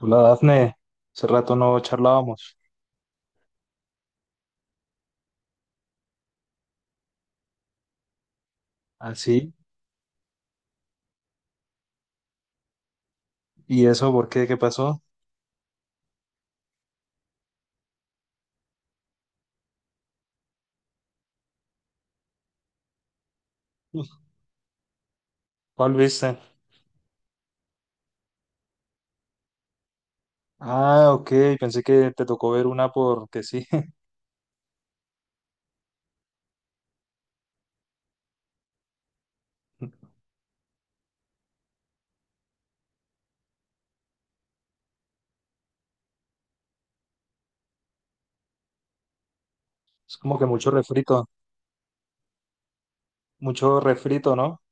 Hola Dafne, hace rato no charlábamos. ¿Ah, sí? ¿Y eso por qué? ¿Qué pasó? ¿Cuál viste? Ah, ok, pensé que te tocó ver una porque sí. Es como que mucho refrito, ¿no?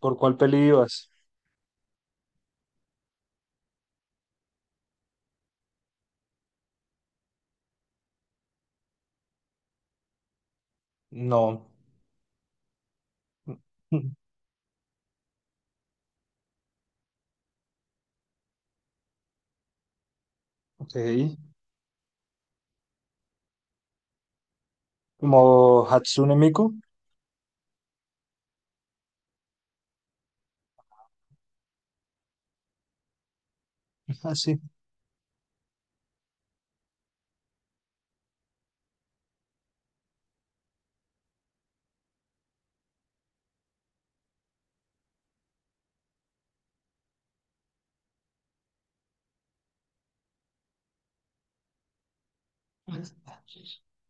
¿Por cuál peli ibas? No. Ok. ¿Como Hatsune Miku? Así.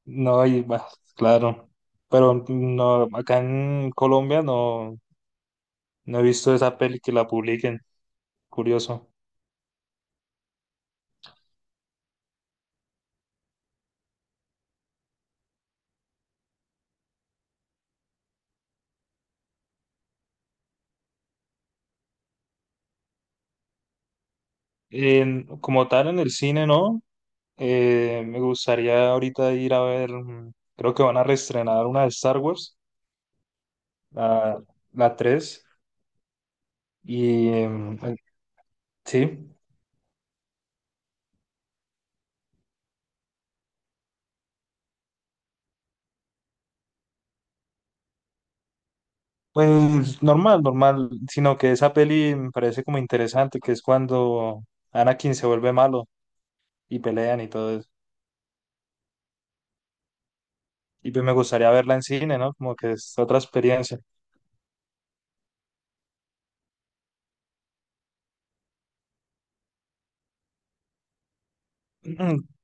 No, y bah, claro. Pero no, acá en Colombia no, no he visto esa peli que la publiquen. Curioso. Como tal, en el cine, ¿no? Me gustaría ahorita ir a ver, mm, creo que van a reestrenar una de Star Wars, la, la 3 y sí, pues normal, normal, sino que esa peli me parece como interesante, que es cuando Anakin se vuelve malo y pelean y todo eso. Y pues me gustaría verla en cine, ¿no? Como que es otra experiencia.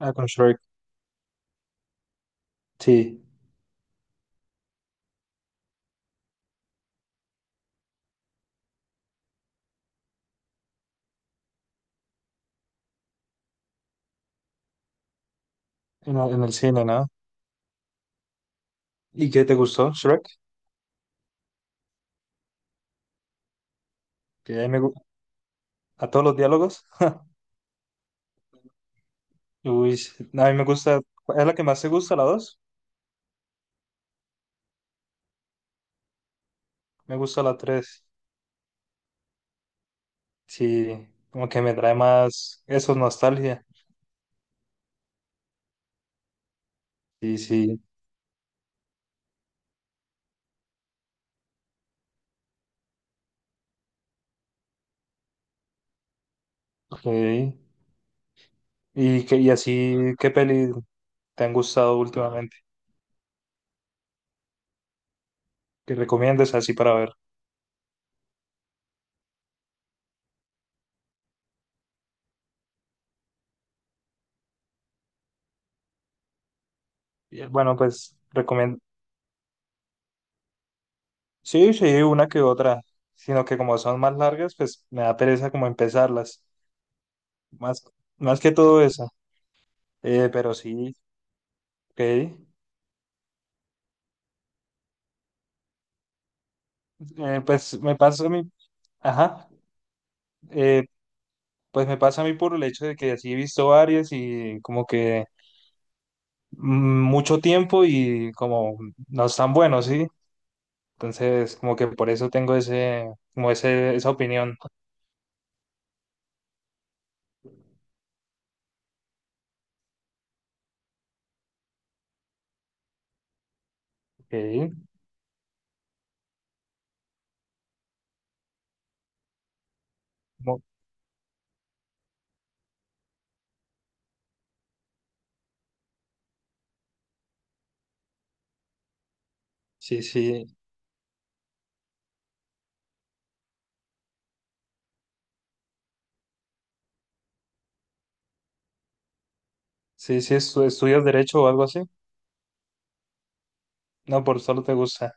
Ah, con Shrek, sí, en el cine, ¿no? ¿Y qué te gustó, Shrek? Que ahí me, gu- A todos los diálogos. Uy, sí, a mí me gusta, es la que más te gusta, la dos. Me gusta la tres. Sí, como que me trae más eso, nostalgia. Sí, sí. Ok. Y así, ¿qué peli te han gustado últimamente? Que recomiendes así para ver. Bueno, pues recomiendo. Sí, sí, una que otra. Sino que como son más largas, pues me da pereza como empezarlas. Más, más que todo esa. Pero sí, ok. Pues me pasa a mí. Ajá. Eh, Pues me pasa a mí por el hecho de que así he visto varias y como que mm, mucho tiempo y como no están buenos, ¿sí? Entonces, como que por eso tengo ese, esa opinión. Ok, como- Sí, sí, sí, sí, estudias derecho o algo así. No, por solo te gusta.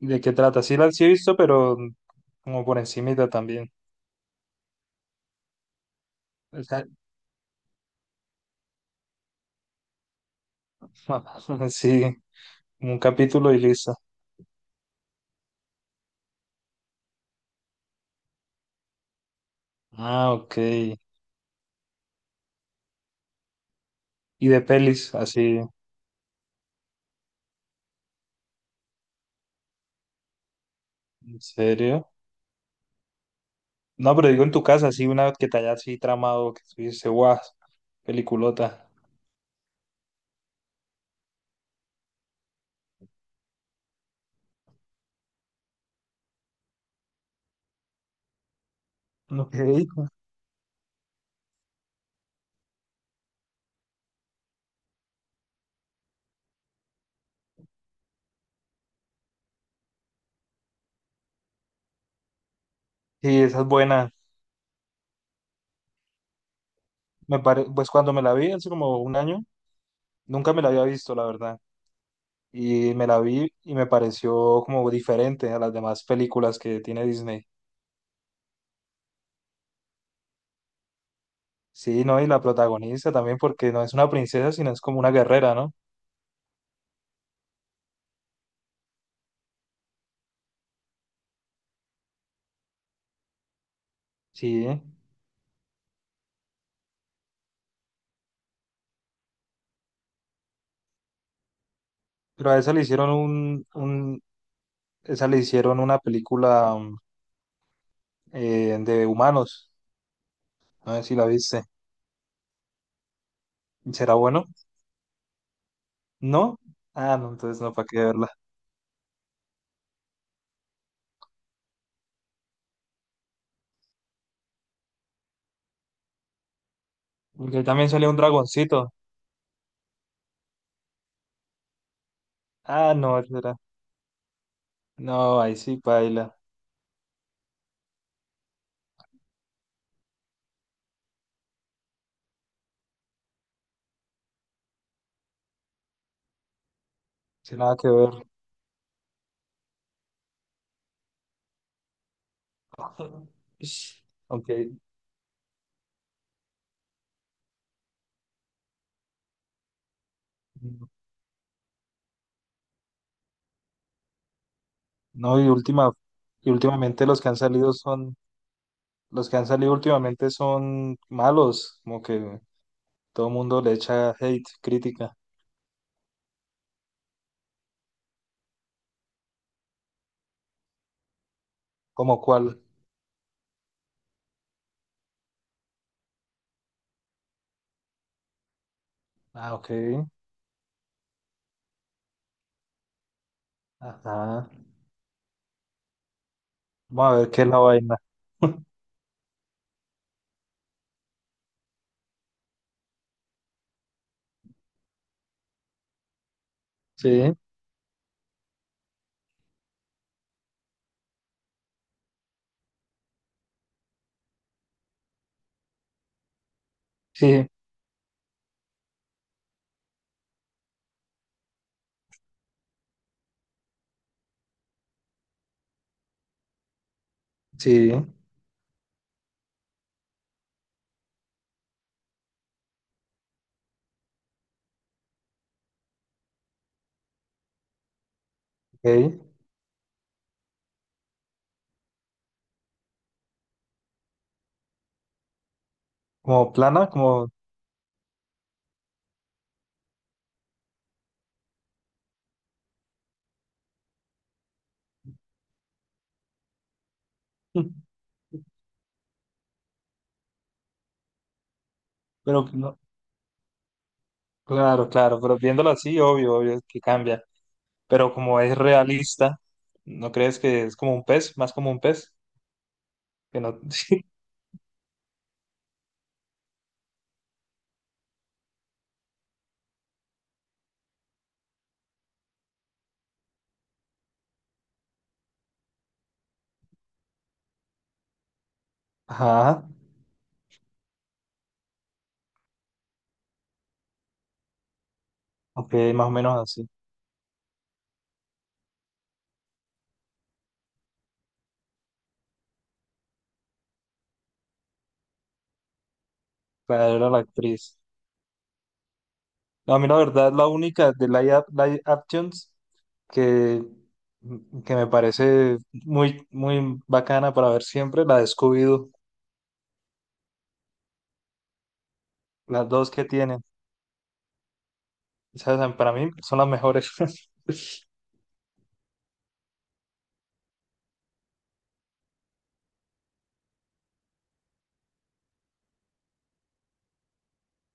¿De qué trata? Sí, la sí he visto, pero como por encimita también. O sea, sí, un capítulo y listo. Ah, ok. Y de pelis, así, ¿en serio? No, pero digo en tu casa, sí, una que te hayas así tramado, que tú dices, guau, peliculota. Ok. Sí, esa es buena. Me pare... Pues cuando me la vi hace como un año, nunca me la había visto, la verdad. Y me la vi y me pareció como diferente a las demás películas que tiene Disney. Sí, ¿no? Y la protagonista también, porque no es una princesa, sino es como una guerrera, ¿no? Sí. Pero a esa le hicieron un... Esa le hicieron una película de humanos. No sé si la viste. ¿Será bueno? ¿No? Ah, no, entonces no, ¿para qué verla? Porque también salió un dragoncito. Ah, no, ese era. No, ahí sí, paila. Sin nada que ver. Aunque, no, y últimamente los que han salido son, los que han salido últimamente son malos, como que todo el mundo le echa hate, crítica. ¿Cómo cuál? Ah, ok. Ajá. Vamos a ver qué es la vaina. Sí, sí, sí, ok. Como plana, como... Pero no, claro, claro, pero viéndolo así, obvio, obvio que cambia. Pero como es realista, ¿no crees que es como un pez? Más como un pez. Que no... sí, ajá, ok, más o menos así. Claro, era la actriz. No, a mí la verdad, la única de live actions que, mm, que me parece muy, muy bacana para ver siempre, la de Scooby-Doo. Las dos que tienen, ¿sabes? Para mí son las mejores.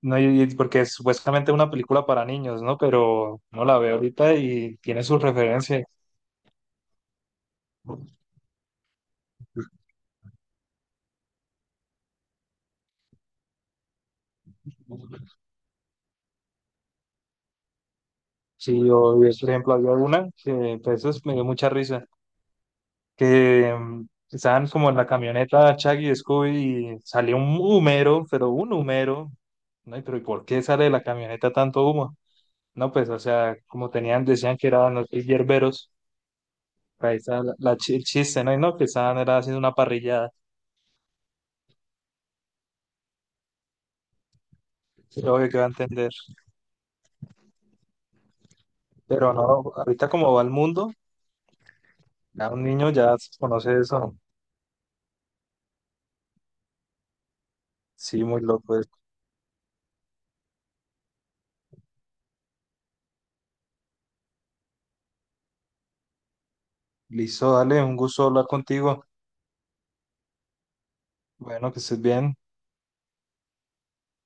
No, y porque es supuestamente una película para niños, ¿no? Pero no la veo ahorita y tiene sus referencias. Sí, yo, por ejemplo, había una que pues, me dio mucha risa, que mm, estaban como en la camioneta Chucky y Scooby y salió un humero, pero un humero. No, y, pero ¿y por qué sale de la camioneta tanto humo? No, pues, o sea, como tenían, decían que eran los hierberos, ahí está el chiste, ¿no? Y no, que estaban era haciendo una parrillada, es obvio que va a entender. Pero no, ahorita como va el mundo. Ya un niño ya conoce eso. Sí, muy loco. Eh. Listo, dale, un gusto hablar contigo. Bueno, que estés bien.